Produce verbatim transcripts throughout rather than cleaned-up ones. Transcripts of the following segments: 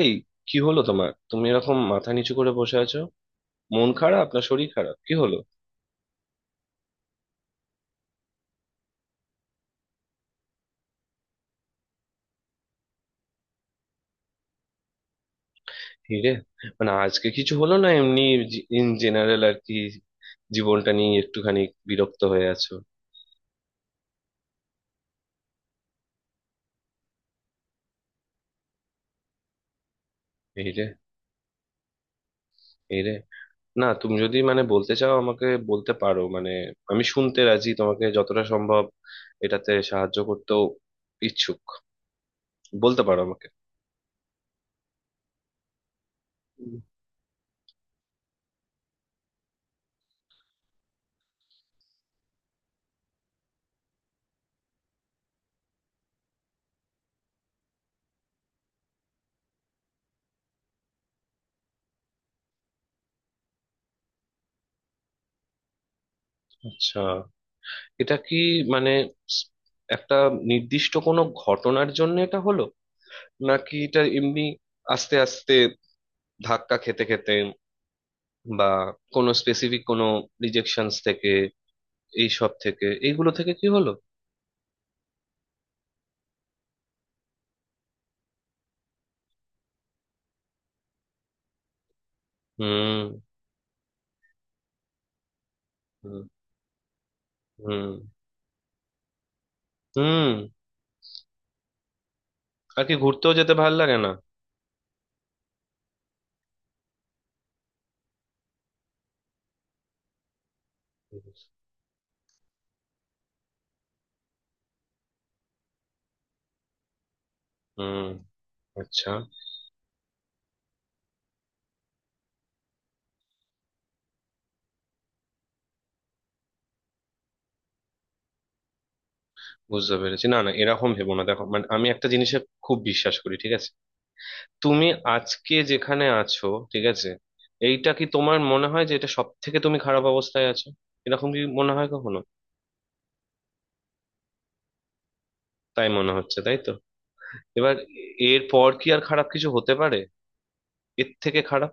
এই, কি হলো তোমার? তুমি এরকম মাথা নিচু করে বসে আছো। মন খারাপ, না শরীর খারাপ? কি হলো? হিরে, মানে আজকে কিছু হলো, না এমনি ইন জেনারেল আর কি জীবনটা নিয়ে একটুখানি বিরক্ত হয়ে আছো? হিরে। হিরে, না তুমি যদি মানে বলতে চাও আমাকে বলতে পারো। মানে আমি শুনতে রাজি তোমাকে যতটা সম্ভব এটাতে সাহায্য করতেও ইচ্ছুক। বলতে পারো আমাকে। হুম। আচ্ছা, এটা কি মানে স- একটা নির্দিষ্ট কোনো ঘটনার জন্য এটা হলো, নাকি এটা এমনি আস্তে আস্তে ধাক্কা খেতে খেতে, বা কোনো স্পেসিফিক কোনো রিজেকশনস থেকে, এইসব থেকে এইগুলো থেকে কি হলো? হুম। হুম। হুম। হুম। আর কি ঘুরতেও যেতে ভাল লাগে না। হুম। আচ্ছা, বুঝতে পেরেছি। না না, এরকম ভেবো না। দেখো মানে আমি একটা জিনিসে খুব বিশ্বাস করি, ঠিক আছে? তুমি আজকে যেখানে আছো, ঠিক আছে, এইটা কি তোমার মনে হয় যে এটা সব থেকে তুমি খারাপ অবস্থায় আছো? এরকম কি মনে হয় কখনো? তাই মনে হচ্ছে? তাই তো। এবার এর পর কি আর খারাপ কিছু হতে পারে এর থেকে খারাপ?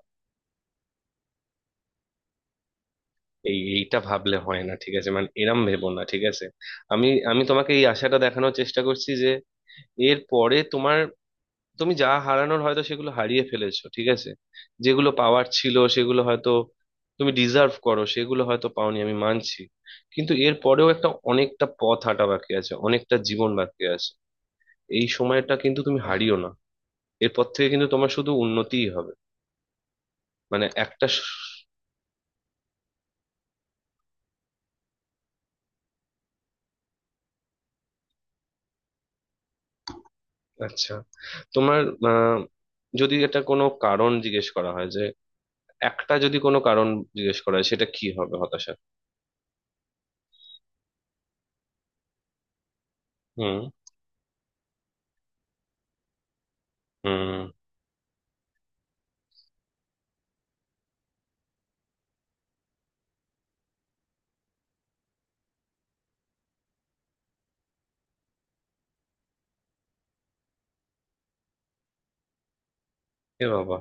এই এইটা ভাবলে হয় না, ঠিক আছে? মানে এরম ভেবো না, ঠিক আছে? আমি আমি তোমাকে এই আশাটা দেখানোর চেষ্টা করছি যে এর পরে তোমার, তুমি যা হারানোর হয়তো সেগুলো হারিয়ে ফেলেছো, ঠিক আছে। যেগুলো পাওয়ার ছিল সেগুলো হয়তো, তুমি ডিজার্ভ করো সেগুলো হয়তো পাওনি, আমি মানছি। কিন্তু এর পরেও একটা অনেকটা পথ হাঁটা বাকি আছে, অনেকটা জীবন বাকি আছে। এই সময়টা কিন্তু তুমি হারিও না। এরপর থেকে কিন্তু তোমার শুধু উন্নতিই হবে। মানে একটা। আচ্ছা, তোমার আহ, যদি এটা কোনো কারণ জিজ্ঞেস করা হয় যে একটা যদি কোনো কারণ জিজ্ঞেস করা হয় সেটা কি হবে হতাশার? হুম। হুম। এ বাবা!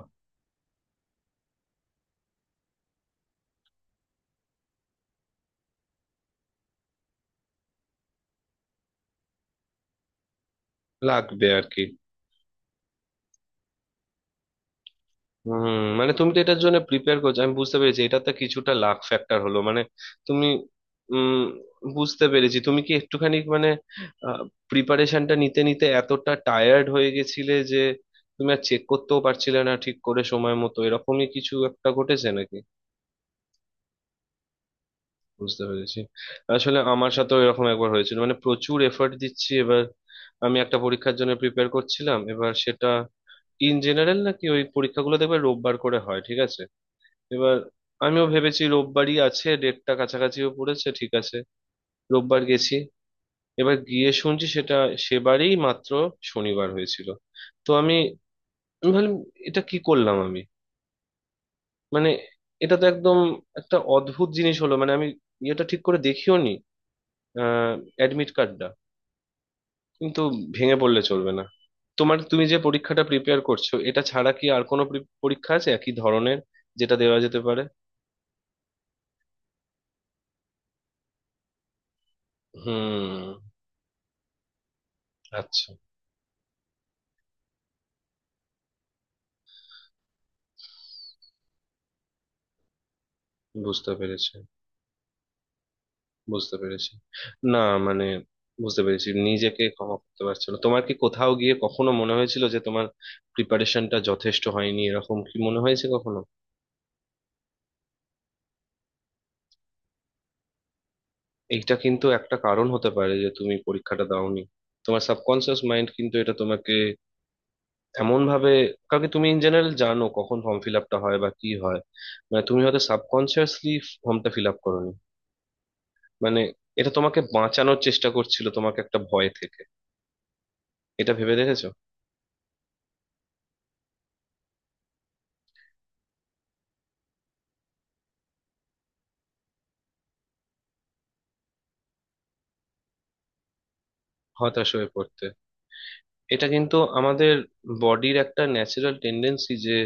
লাগবে আর কি। হুম, মানে তুমি তো এটার জন্য প্রিপেয়ার করছো, আমি বুঝতে পেরেছি। এটাতে কিছুটা লাক ফ্যাক্টর হলো, মানে তুমি উম বুঝতে পেরেছি। তুমি কি একটুখানি মানে প্রিপারেশনটা নিতে নিতে এতটা টায়ার্ড হয়ে গেছিলে যে তুমি আর চেক করতেও পারছিলে না ঠিক করে সময় মতো, এরকমই কিছু একটা ঘটেছে নাকি? বুঝতে পেরেছি। আসলে আমার সাথেও এরকম একবার হয়েছিল, মানে প্রচুর এফর্ট দিচ্ছি এবার। আমি একটা পরীক্ষার জন্য প্রিপেয়ার করছিলাম, এবার সেটা ইন জেনারেল, নাকি ওই পরীক্ষাগুলো দেখবে রোববার করে হয়, ঠিক আছে? এবার আমিও ভেবেছি রোববারই আছে, ডেটটা কাছাকাছিও পড়েছে, ঠিক আছে। রোববার গেছি, এবার গিয়ে শুনছি সেটা সেবারেই মাত্র শনিবার হয়েছিল। তো আমি, আমি ভাবলাম এটা কি করলাম আমি? মানে এটা তো একদম একটা অদ্ভুত জিনিস হলো। মানে আমি ইয়েটা ঠিক করে দেখিও নি অ্যাডমিট কার্ডটা। কিন্তু ভেঙে পড়লে চলবে না। তোমার, তুমি যে পরীক্ষাটা প্রিপেয়ার করছো এটা ছাড়া কি আর কোনো pre- পরীক্ষা আছে একই ধরনের যেটা দেওয়া যেতে পারে? হুম। আচ্ছা, বুঝতে পেরেছি। বুঝতে পেরেছি। না মানে বুঝতে পেরেছি নিজেকে ক্ষমা করতে পারছো না। তোমার কি কোথাও গিয়ে কখনো মনে হয়েছিল যে তোমার প্রিপারেশনটা যথেষ্ট হয়নি? এরকম কি মনে হয়েছে কখনো? এইটা কিন্তু একটা কারণ হতে পারে যে তুমি পরীক্ষাটা দাওনি। তোমার সাবকনসিয়াস মাইন্ড কিন্তু এটা তোমাকে এমন ভাবে, কারণ কি তুমি ইন জেনারেল জানো কখন ফর্ম ফিল আপটা হয় বা কি হয়, মানে তুমি হয়তো সাবকনসিয়াসলি ফর্মটা ফিল আপ করোনি। মানে এটা তোমাকে বাঁচানোর চেষ্টা করছিল, তোমাকে একটা ভয় থেকে। এটা ভেবে দেখেছো? হতাশ হয়ে পড়তে। এটা কিন্তু আমাদের বডির একটা ন্যাচারাল টেন্ডেন্সি যে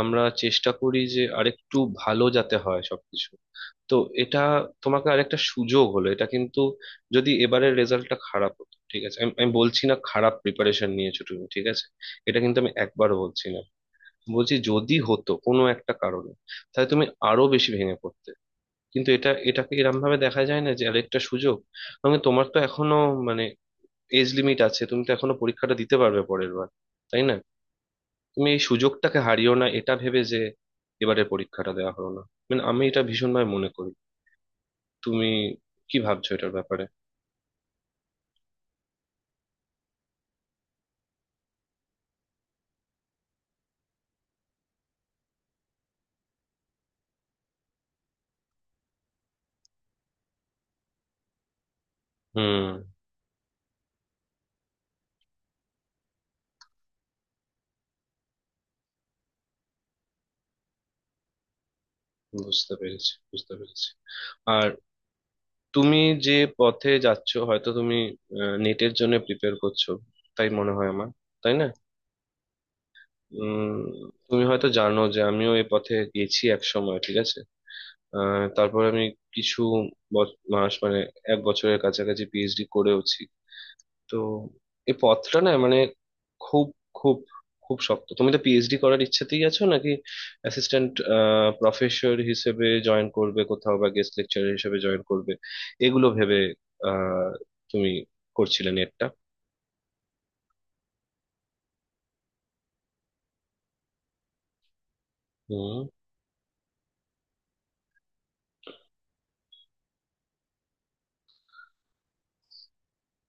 আমরা চেষ্টা করি যে আরেকটু ভালো যাতে হয় সবকিছু। তো এটা তোমাকে আরেকটা সুযোগ হলো এটা, কিন্তু যদি এবারের রেজাল্টটা খারাপ হতো, ঠিক আছে। আমি আমি বলছি না খারাপ প্রিপারেশন নিয়েছো তুমি, ঠিক আছে? এটা কিন্তু আমি একবারও বলছি না। বলছি যদি হতো কোনো একটা কারণে, তাহলে তুমি আরো বেশি ভেঙে পড়তে। কিন্তু এটা, এটাকে এরম ভাবে দেখা যায় না যে আরেকটা সুযোগ। মানে তোমার তো এখনো মানে এজ লিমিট আছে, তুমি তো এখনো পরীক্ষাটা দিতে পারবে পরের বার, তাই না? তুমি এই সুযোগটাকে হারিও না এটা ভেবে যে এবারে পরীক্ষাটা দেওয়া হলো না। মানে আমি এটা ভীষণভাবে মনে করি। তুমি কি ভাবছো এটার ব্যাপারে? হুম। বুঝতে পেরেছি, বুঝতে পেরেছি। আর তুমি যে পথে যাচ্ছ, হয়তো তুমি নেটের জন্য প্রিপেয়ার করছো, তাই মনে হয় আমার, তাই না? উম, তুমি হয়তো জানো যে আমিও এ পথে গেছি এক সময়, ঠিক আছে। আহ, তারপর আমি কিছু বছ- মাস, মানে এক বছরের কাছাকাছি পিএইচডি করেওছি। তো এই পথটা না মানে খুব খুব খুব শক্ত। তুমি তো পিএইচডি করার ইচ্ছেতেই আছো, নাকি অ্যাসিস্ট্যান্ট প্রফেসর হিসেবে জয়েন করবে কোথাও, বা গেস্ট লেকচারার হিসেবে জয়েন করবে, এগুলো ভেবে আহ তুমি করছিলে নেটটা? হুম।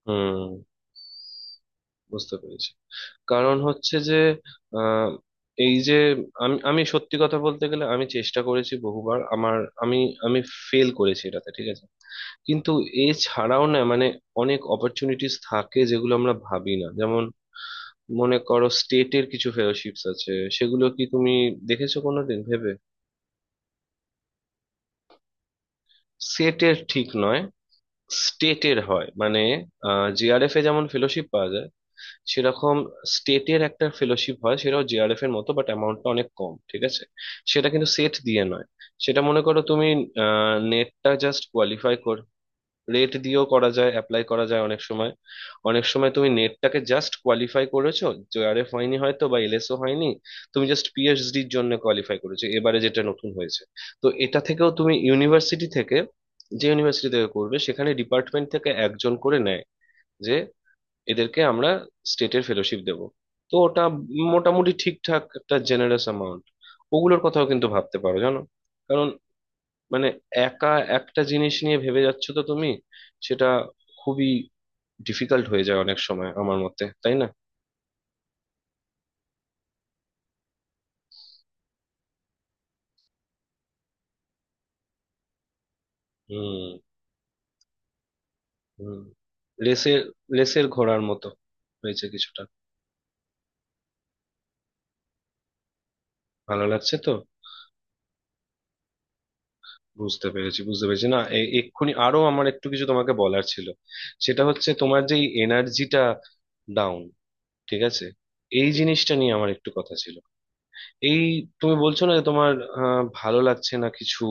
হুম। বুঝতে পেরেছি। কারণ হচ্ছে যে আহ, এই যে, আমি আমি সত্যি কথা বলতে গেলে আমি চেষ্টা করেছি বহুবার আমার, আমি আমি ফেল করেছি এটাতে, ঠিক আছে। কিন্তু এছাড়াও না মানে অনেক অপরচুনিটিস থাকে যেগুলো আমরা ভাবি না। যেমন মনে করো স্টেটের কিছু ফেলোশিপস আছে, সেগুলো কি তুমি দেখেছো কোনোদিন ভেবে? সেটের ঠিক নয়, স্টেটের হয় মানে জিআরএফ এ যেমন ফেলোশিপ পাওয়া যায় সেরকম স্টেটের একটা ফেলোশিপ হয়, সেটাও জেআরএফ এর মতো, বাট অ্যামাউন্টটা অনেক কম, ঠিক আছে। সেটা কিন্তু সেট দিয়ে নয়। সেটা মনে করো তুমি নেটটা জাস্ট কোয়ালিফাই কর, রেট দিয়েও করা যায়, অ্যাপ্লাই করা যায় অনেক সময়। অনেক সময় তুমি নেটটাকে জাস্ট কোয়ালিফাই করেছো, জেআরএফ হয়নি হয়তো, বা এলএসও হয়নি, তুমি জাস্ট পিএইচডির জন্য কোয়ালিফাই করেছো, এবারে যেটা নতুন হয়েছে। তো এটা থেকেও তুমি ইউনিভার্সিটি থেকে, যে ইউনিভার্সিটি থেকে করবে সেখানে ডিপার্টমেন্ট থেকে একজন করে নেয় যে এদেরকে আমরা স্টেটের ফেলোশিপ দেব। তো ওটা মোটামুটি ঠিকঠাক একটা জেনারেস অ্যামাউন্ট। ওগুলোর কথাও কিন্তু ভাবতে পারো, জানো। কারণ মানে একা একটা জিনিস নিয়ে ভেবে যাচ্ছ তো তুমি, সেটা খুবই ডিফিকাল্ট হয়ে যায় অনেক সময় আমার মতে, তাই না? হুম। হুম। লেসের, লেসের ঘোড়ার মতো হয়েছে কিছুটা। ভালো লাগছে তো? বুঝতে পেরেছি, বুঝতে পেরেছি। না এ- এক্ষুনি আরো আমার একটু কিছু তোমাকে বলার ছিল। সেটা হচ্ছে তোমার যেই এনার্জিটা ডাউন, ঠিক আছে, এই জিনিসটা নিয়ে আমার একটু কথা ছিল। এই তুমি বলছো না যে তোমার আহ, ভালো লাগছে না কিছু,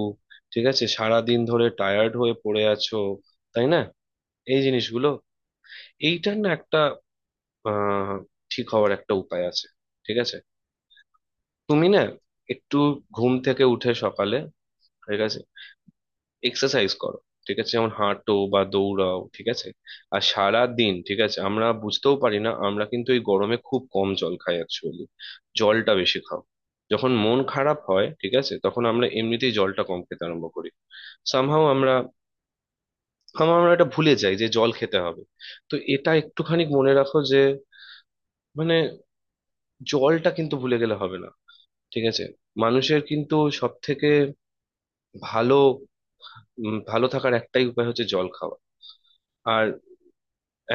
ঠিক আছে, সারা দিন ধরে টায়ার্ড হয়ে পড়ে আছো, তাই না? এই জিনিসগুলো, এইটার না একটা আহ ঠিক হওয়ার একটা উপায় আছে, ঠিক আছে। তুমি না একটু ঘুম থেকে উঠে সকালে, ঠিক আছে, এক্সারসাইজ করো, ঠিক আছে, যেমন হাঁটো বা দৌড়াও, ঠিক আছে। আর সারা দিন ঠিক আছে আমরা বুঝতেও পারি না, আমরা কিন্তু এই গরমে খুব কম জল খাই অ্যাকচুয়ালি। জলটা বেশি খাও। যখন মন খারাপ হয় ঠিক আছে তখন আমরা এমনিতেই জলটা কম খেতে আরম্ভ করি। সামহাও আমরা, somehow আমরা এটা ভুলে যাই যে জল খেতে হবে। তো এটা একটুখানি মনে রাখো যে মানে জলটা কিন্তু ভুলে গেলে হবে না, ঠিক আছে? মানুষের কিন্তু সব থেকে ভালো, উম, ভালো থাকার একটাই উপায় হচ্ছে জল খাওয়া। আর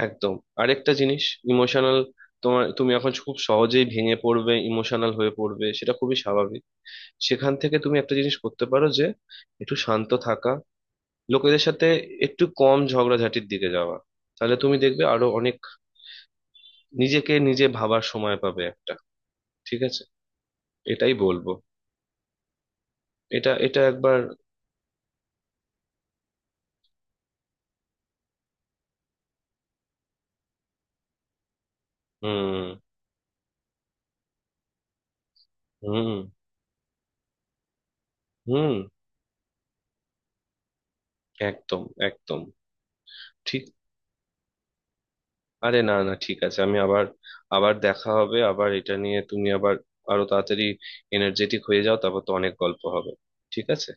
একদম। আরেকটা জিনিস ইমোশনাল, তোমার, তুমি এখন খুব সহজেই ভেঙে পড়বে, ইমোশনাল হয়ে পড়বে, সেটা খুবই স্বাভাবিক। সেখান থেকে তুমি একটা জিনিস করতে পারো যে একটু শান্ত থাকা, লোকেদের সাথে একটু কম ঝগড়াঝাটির দিকে যাওয়া। তাহলে তুমি দেখবে আরো অনেক নিজেকে নিজে ভাবার সময় পাবে একটা, ঠিক আছে। এটাই বলবো। এটা এটা একবার। হুম। হুম। হুম। একদম, একদম ঠিক। আরে না না, ঠিক আছে। আমি আবার, আবার দেখা হবে। আবার এটা নিয়ে তুমি আবার আরো তাড়াতাড়ি এনার্জেটিক হয়ে যাও, তারপর তো অনেক গল্প হবে, ঠিক আছে।